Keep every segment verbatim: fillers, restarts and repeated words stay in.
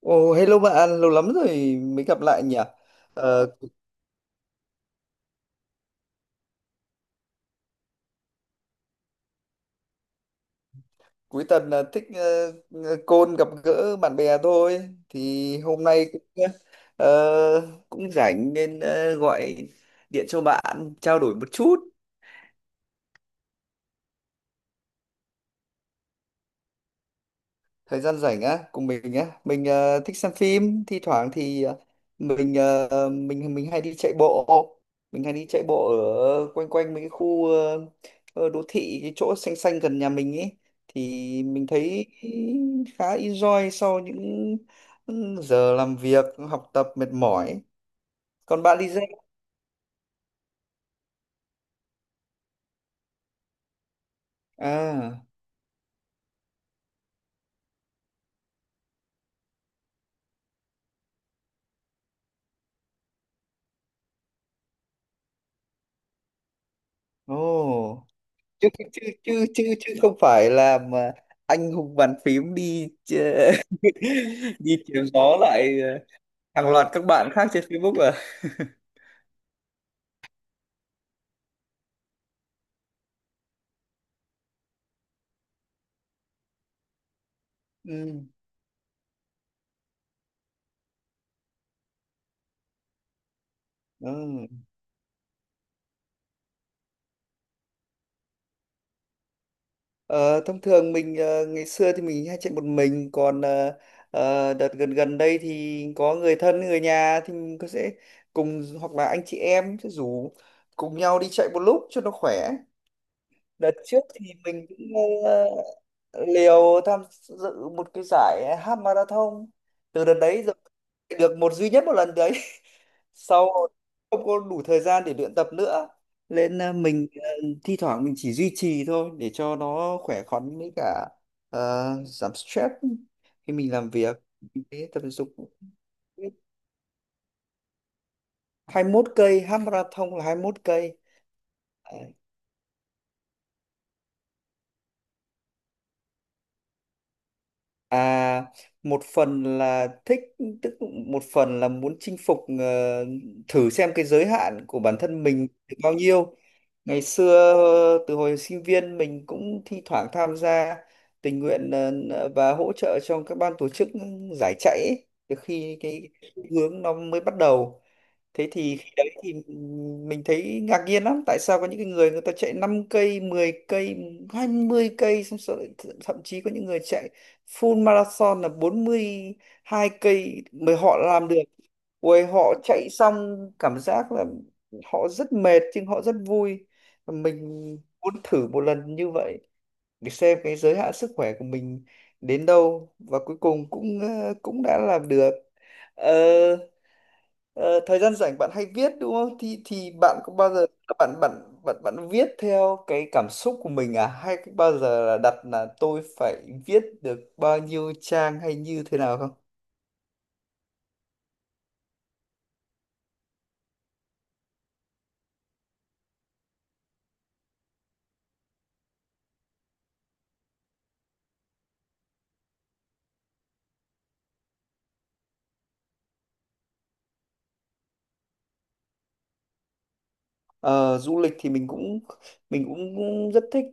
Ồ, hello bạn, lâu lắm rồi mới gặp lại nhỉ? Ờ, Cuối tuần là thích ờ, ờ, côn gặp gỡ bạn bè thôi. Thì hôm nay cũng ờ, ờ, cũng rảnh nên ờ, gọi điện cho bạn trao đổi một chút. Thời gian rảnh á, cùng mình á, mình ờ, thích xem phim, thi thoảng thì ờ, mình ờ, mình mình hay đi chạy bộ, mình hay đi chạy bộ ở quanh quanh mấy cái khu ờ, ờ, đô thị, cái chỗ xanh xanh gần nhà mình ấy, thì mình thấy khá enjoy sau những ừ, giờ làm việc học tập mệt mỏi. Còn bạn đi dạy à? Ồ, chứ chứ chứ chứ chứ không phải là mà anh hùng bàn phím đi chê- đi chém gió lại ờ, hàng loạt các bạn khác trên Facebook à? Ừ. Ừ. Ờ, thông thường mình ờ, ngày xưa thì mình hay chạy một mình, còn ờ, ờ, đợt gần gần đây thì có người thân, người nhà thì mình có sẽ cùng, hoặc là anh chị em sẽ rủ cùng nhau đi chạy một lúc cho nó khỏe. Đợt trước thì mình cũng ờ, liều tham dự một cái giải half marathon từ đợt đấy rồi, được một duy nhất một lần đấy. Sau không có đủ thời gian để luyện tập nữa nên à, mình à, thi thoảng mình chỉ duy trì thôi để cho nó khỏe khoắn, với cả à, giảm stress khi mình làm việc. Mình thấy tập thể dục hai mươi mốt cây, half marathon là hai mươi mốt cây. À, một phần là thích, tức một phần là muốn chinh phục, ờ, thử xem cái giới hạn của bản thân mình được bao nhiêu. Ngày xưa từ hồi sinh viên mình cũng thi thoảng tham gia tình nguyện ờ, và hỗ trợ cho các ban tổ chức giải chạy ấy, từ khi cái hướng nó mới bắt đầu. Thế thì khi đấy thì mình thấy ngạc nhiên lắm, tại sao có những cái người, người ta chạy năm cây, mười cây, hai mươi cây, xong rồi th- thậm chí có những người chạy full marathon là bốn mươi hai cây mới họ làm được. Ôi, họ chạy xong cảm giác là họ rất mệt nhưng họ rất vui. Và mình muốn thử một lần như vậy để xem cái giới hạn sức khỏe của mình đến đâu, và cuối cùng cũng ờ, cũng đã làm được. Ờ, ờ, thời gian rảnh bạn hay viết đúng không? Thì thì bạn có bao giờ bạn bạn bạn bạn viết theo cái cảm xúc của mình, à hay bao giờ là đặt là tôi phải viết được bao nhiêu trang hay như thế nào không? Ờ, du lịch thì mình cũng, mình cũng, cũng rất thích.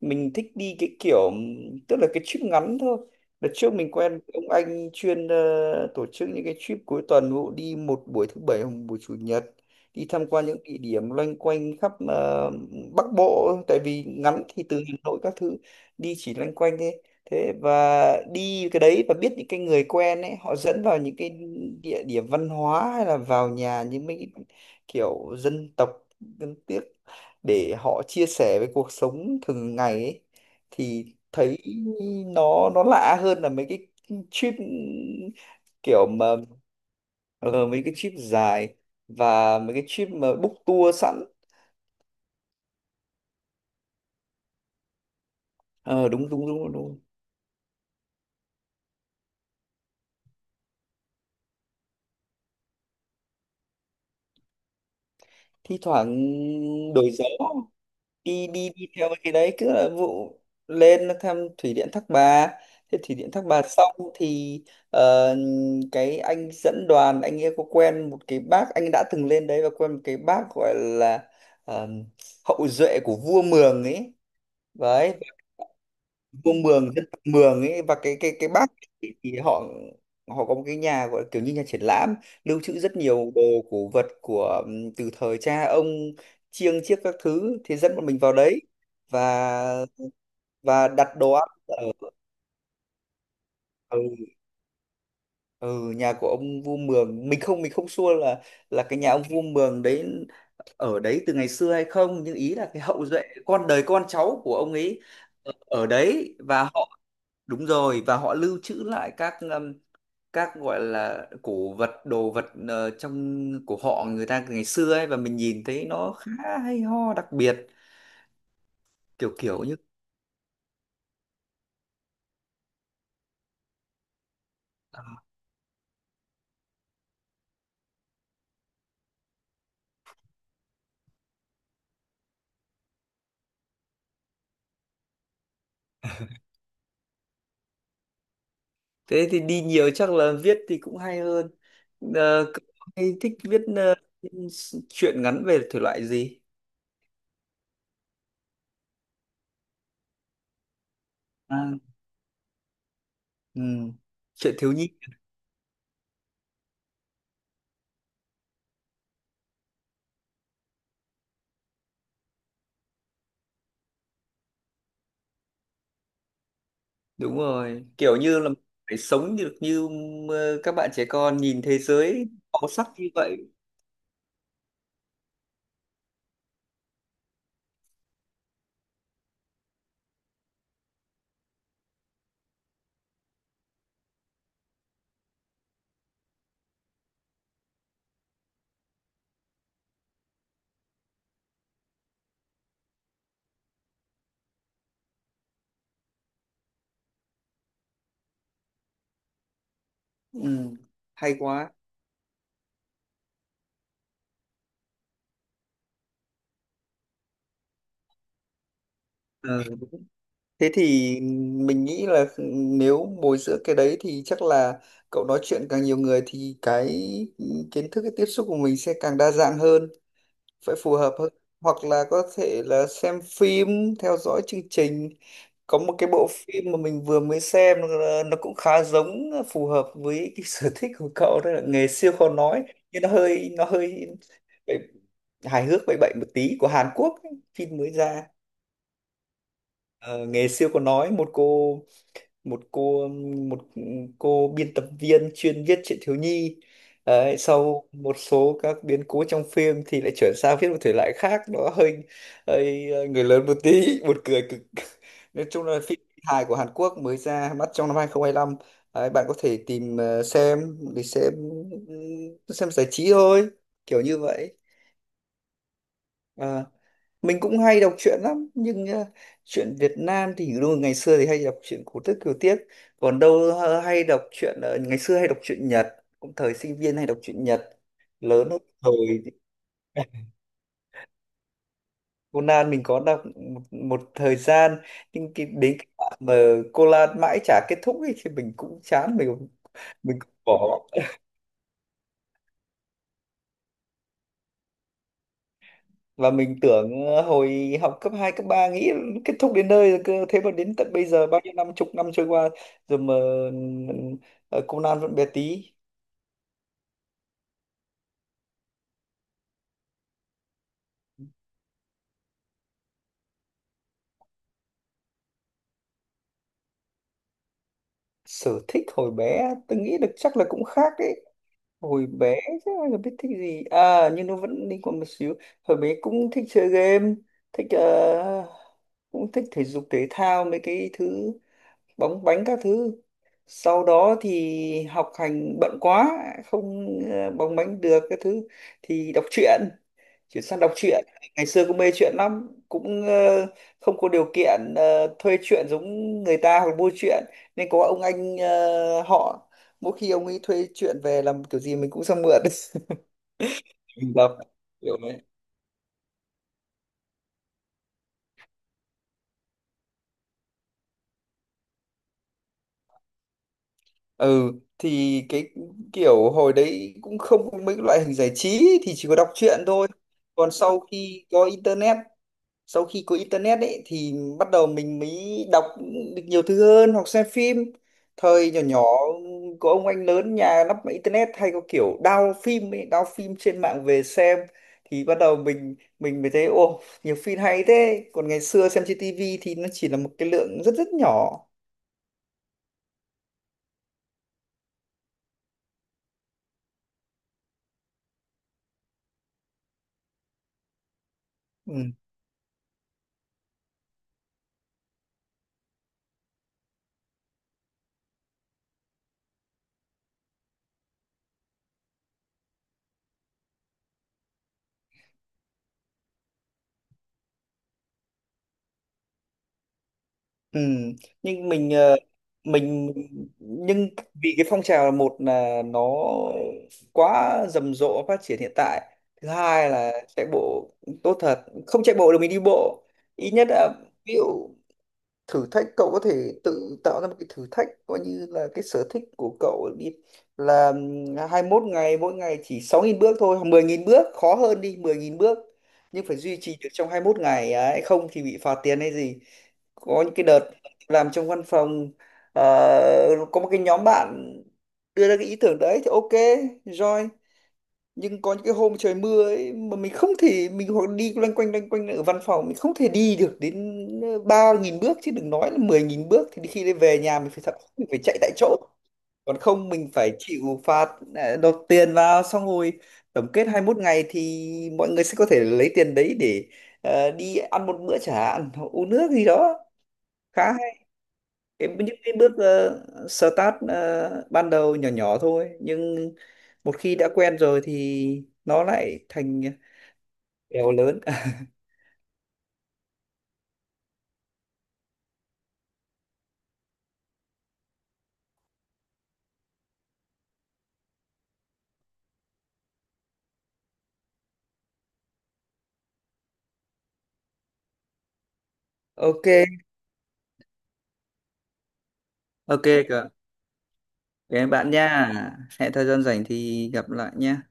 Mình thích đi cái kiểu, tức là cái trip ngắn thôi. Đợt trước mình quen với ông anh chuyên ờ, tổ chức những cái trip cuối tuần, vụ đi một buổi thứ bảy hoặc một buổi chủ nhật đi tham quan những địa điểm loanh quanh khắp ờ, Bắc Bộ, tại vì ngắn thì từ Hà Nội các thứ đi chỉ loanh quanh thế. Thế và đi cái đấy và biết những cái người quen ấy, họ dẫn vào những cái địa điểm văn hóa, hay là vào nhà những mấy cái kiểu dân tộc đáng tiếc, để họ chia sẻ với cuộc sống thường ngày ấy, thì thấy nó nó lạ hơn là mấy cái trip kiểu mà ờ, mấy cái trip dài và mấy cái trip mà book tour sẵn. Ờ, đúng đúng đúng đúng thi thoảng đổi gió đi đi đi theo cái đấy cứ là vụ lên nó thăm thủy điện Thác Bà. Thế thủy điện Thác Bà xong thì ờ, cái anh dẫn đoàn, anh ấy có quen một cái bác, anh đã từng lên đấy và quen một cái bác gọi là ờ, hậu duệ của vua Mường ấy. Đấy, vua Mường, dân tộc Mường ấy, và cái cái cái Bắc thì, thì họ họ có một cái nhà gọi là kiểu như nhà triển lãm, lưu trữ rất nhiều đồ cổ vật của ừm, từ thời cha ông, chiêng chiếc các thứ, thì dẫn bọn mình vào đấy. Và và đặt đồ ăn ở ở ừ, nhà của ông vua Mường, mình không, mình không sure là là cái nhà ông vua Mường đấy ở đấy từ ngày xưa hay không, nhưng ý là cái hậu duệ, con đời con cháu của ông ấy ở ở đấy, và họ, đúng rồi, và họ lưu trữ lại các um, các gọi là cổ vật, đồ vật ờ, trong của họ người ta ngày xưa ấy, và mình nhìn thấy nó khá hay ho, đặc biệt. Kiểu kiểu như thế thì đi nhiều chắc là viết thì cũng hay hơn. Ờ, cậu hay thích viết ờ, truyện ngắn về thể loại gì? À, ừ, truyện thiếu nhi. Đúng rồi, kiểu như là phải sống được như ờ, các bạn trẻ con nhìn thế giới màu sắc như vậy. Ừ. Hay quá. Ừ. Thế thì mình nghĩ là nếu bồi dưỡng cái đấy thì chắc là cậu nói chuyện càng nhiều người thì cái kiến thức, cái tiếp xúc của mình sẽ càng đa dạng hơn, phải phù hợp hơn. Hoặc là có thể là xem phim, theo dõi chương trình. Có một cái bộ phim mà mình vừa mới xem, ờ, nó cũng khá giống phù hợp với cái sở thích của cậu, đó là Nghề Siêu Khó Nói, nhưng nó hơi nó hơi bậy- hài hước bậy bậy một tí, của Hàn Quốc ấy, phim mới ra. Ờ, Nghề Siêu Khó Nói, một cô, một cô một cô biên tập viên chuyên viết truyện thiếu nhi. Đấy, sau một số các biến cố trong phim thì lại chuyển sang viết một thể loại khác, nó hơi, hơi người lớn một tí, buồn cười cực. Nói chung là phim hài của Hàn Quốc mới ra mắt trong năm hai không hai lăm. Đấy, bạn có thể tìm ờ, xem để xem, ừ, xem giải trí thôi kiểu như vậy. Ờ, mình cũng hay đọc truyện lắm, nhưng ờ, truyện Việt Nam thì đúng là ngày xưa thì hay đọc truyện cổ tích kiều tiếc, còn đâu ờ, hay đọc truyện ờ, ngày xưa hay đọc truyện Nhật, cũng thời sinh viên hay đọc truyện Nhật lớn hơn. Thời Conan mình có đọc một, một thời gian, nhưng cái, đến cái đoạn mà Conan mãi chả kết thúc ấy, thì mình cũng chán, mình mình cũng bỏ. Và mình tưởng ờ, hồi học cấp hai cấp ba nghĩ kết thúc đến nơi rồi, cơ thế mà đến tận bây giờ bao nhiêu năm, chục năm trôi qua rồi mà ờ, Conan vẫn bé tí. Sở thích hồi bé tôi nghĩ được chắc là cũng khác đấy. Hồi bé chắc là biết thích gì à, nhưng nó vẫn liên quan một xíu. Hồi bé cũng thích chơi game, thích ờ, cũng thích thể dục thể thao, mấy cái thứ bóng bánh các thứ. Sau đó thì học hành bận quá, không ờ, bóng bánh được các thứ thì đọc truyện, chuyển sang đọc truyện. Ngày xưa cũng mê truyện lắm, cũng ờ, không có điều kiện ờ, thuê truyện giống người ta hoặc mua truyện, nên có ông anh ờ, họ, mỗi khi ông ấy thuê truyện về làm kiểu gì mình cũng sang mượn. Mình đọc kiểu, ừ, thì cái kiểu hồi đấy cũng không có mấy loại hình giải trí thì chỉ có đọc truyện thôi. Còn sau khi có internet, sau khi có internet ấy thì bắt đầu mình mới đọc được nhiều thứ hơn, hoặc xem phim. Thời nhỏ nhỏ có ông anh lớn nhà lắp máy internet, hay có kiểu download phim ấy, download phim trên mạng về xem, thì bắt đầu mình mình mới thấy ô, nhiều phim hay thế, còn ngày xưa xem trên tivi thì nó chỉ là một cái lượng rất rất nhỏ. Ừ. Ừ, nhưng mình ờ, mình mình- nhưng vì cái phong trào, là một là nó quá rầm rộ phát triển hiện tại, thứ hai là chạy bộ tốt thật. Không chạy bộ được mình đi bộ, ít nhất là, ví dụ thử thách, cậu có thể tự tạo ra một cái thử thách coi như là cái sở thích của cậu đi, là ừm, hai mươi mốt ngày mỗi ngày chỉ sáu nghìn bước thôi, hoặc mười nghìn bước khó hơn, đi mười nghìn bước, nhưng phải duy trì được trong hai mươi mốt ngày ấy, không thì bị phạt tiền hay gì. Có những cái đợt làm trong văn phòng ờ, có một cái nhóm bạn đưa ra cái ý tưởng đấy thì ok, join. Nhưng có những cái hôm trời mưa ấy mà mình không thể, mình hoặc đi loanh quanh loanh quanh ở văn phòng, mình không thể đi được đến ờ, ba nghìn bước, chứ đừng nói là mười nghìn bước, thì khi đấy về nhà mình phải thật, mình phải chạy tại chỗ, còn không mình phải chịu phạt, ờ, nộp tiền vào. Xong rồi tổng kết hai mươi mốt ngày thì mọi người sẽ có thể lấy tiền đấy để ờ, đi ăn một bữa chẳng hạn, uống nước gì đó. Khá cái những cái bước ờ, start ờ, ban đầu nhỏ nhỏ thôi, nhưng một khi đã quen rồi thì nó lại thành bèo lớn. Ok, ok cả. Cảm ơn bạn nha, hẹn thời gian rảnh thì gặp lại nha.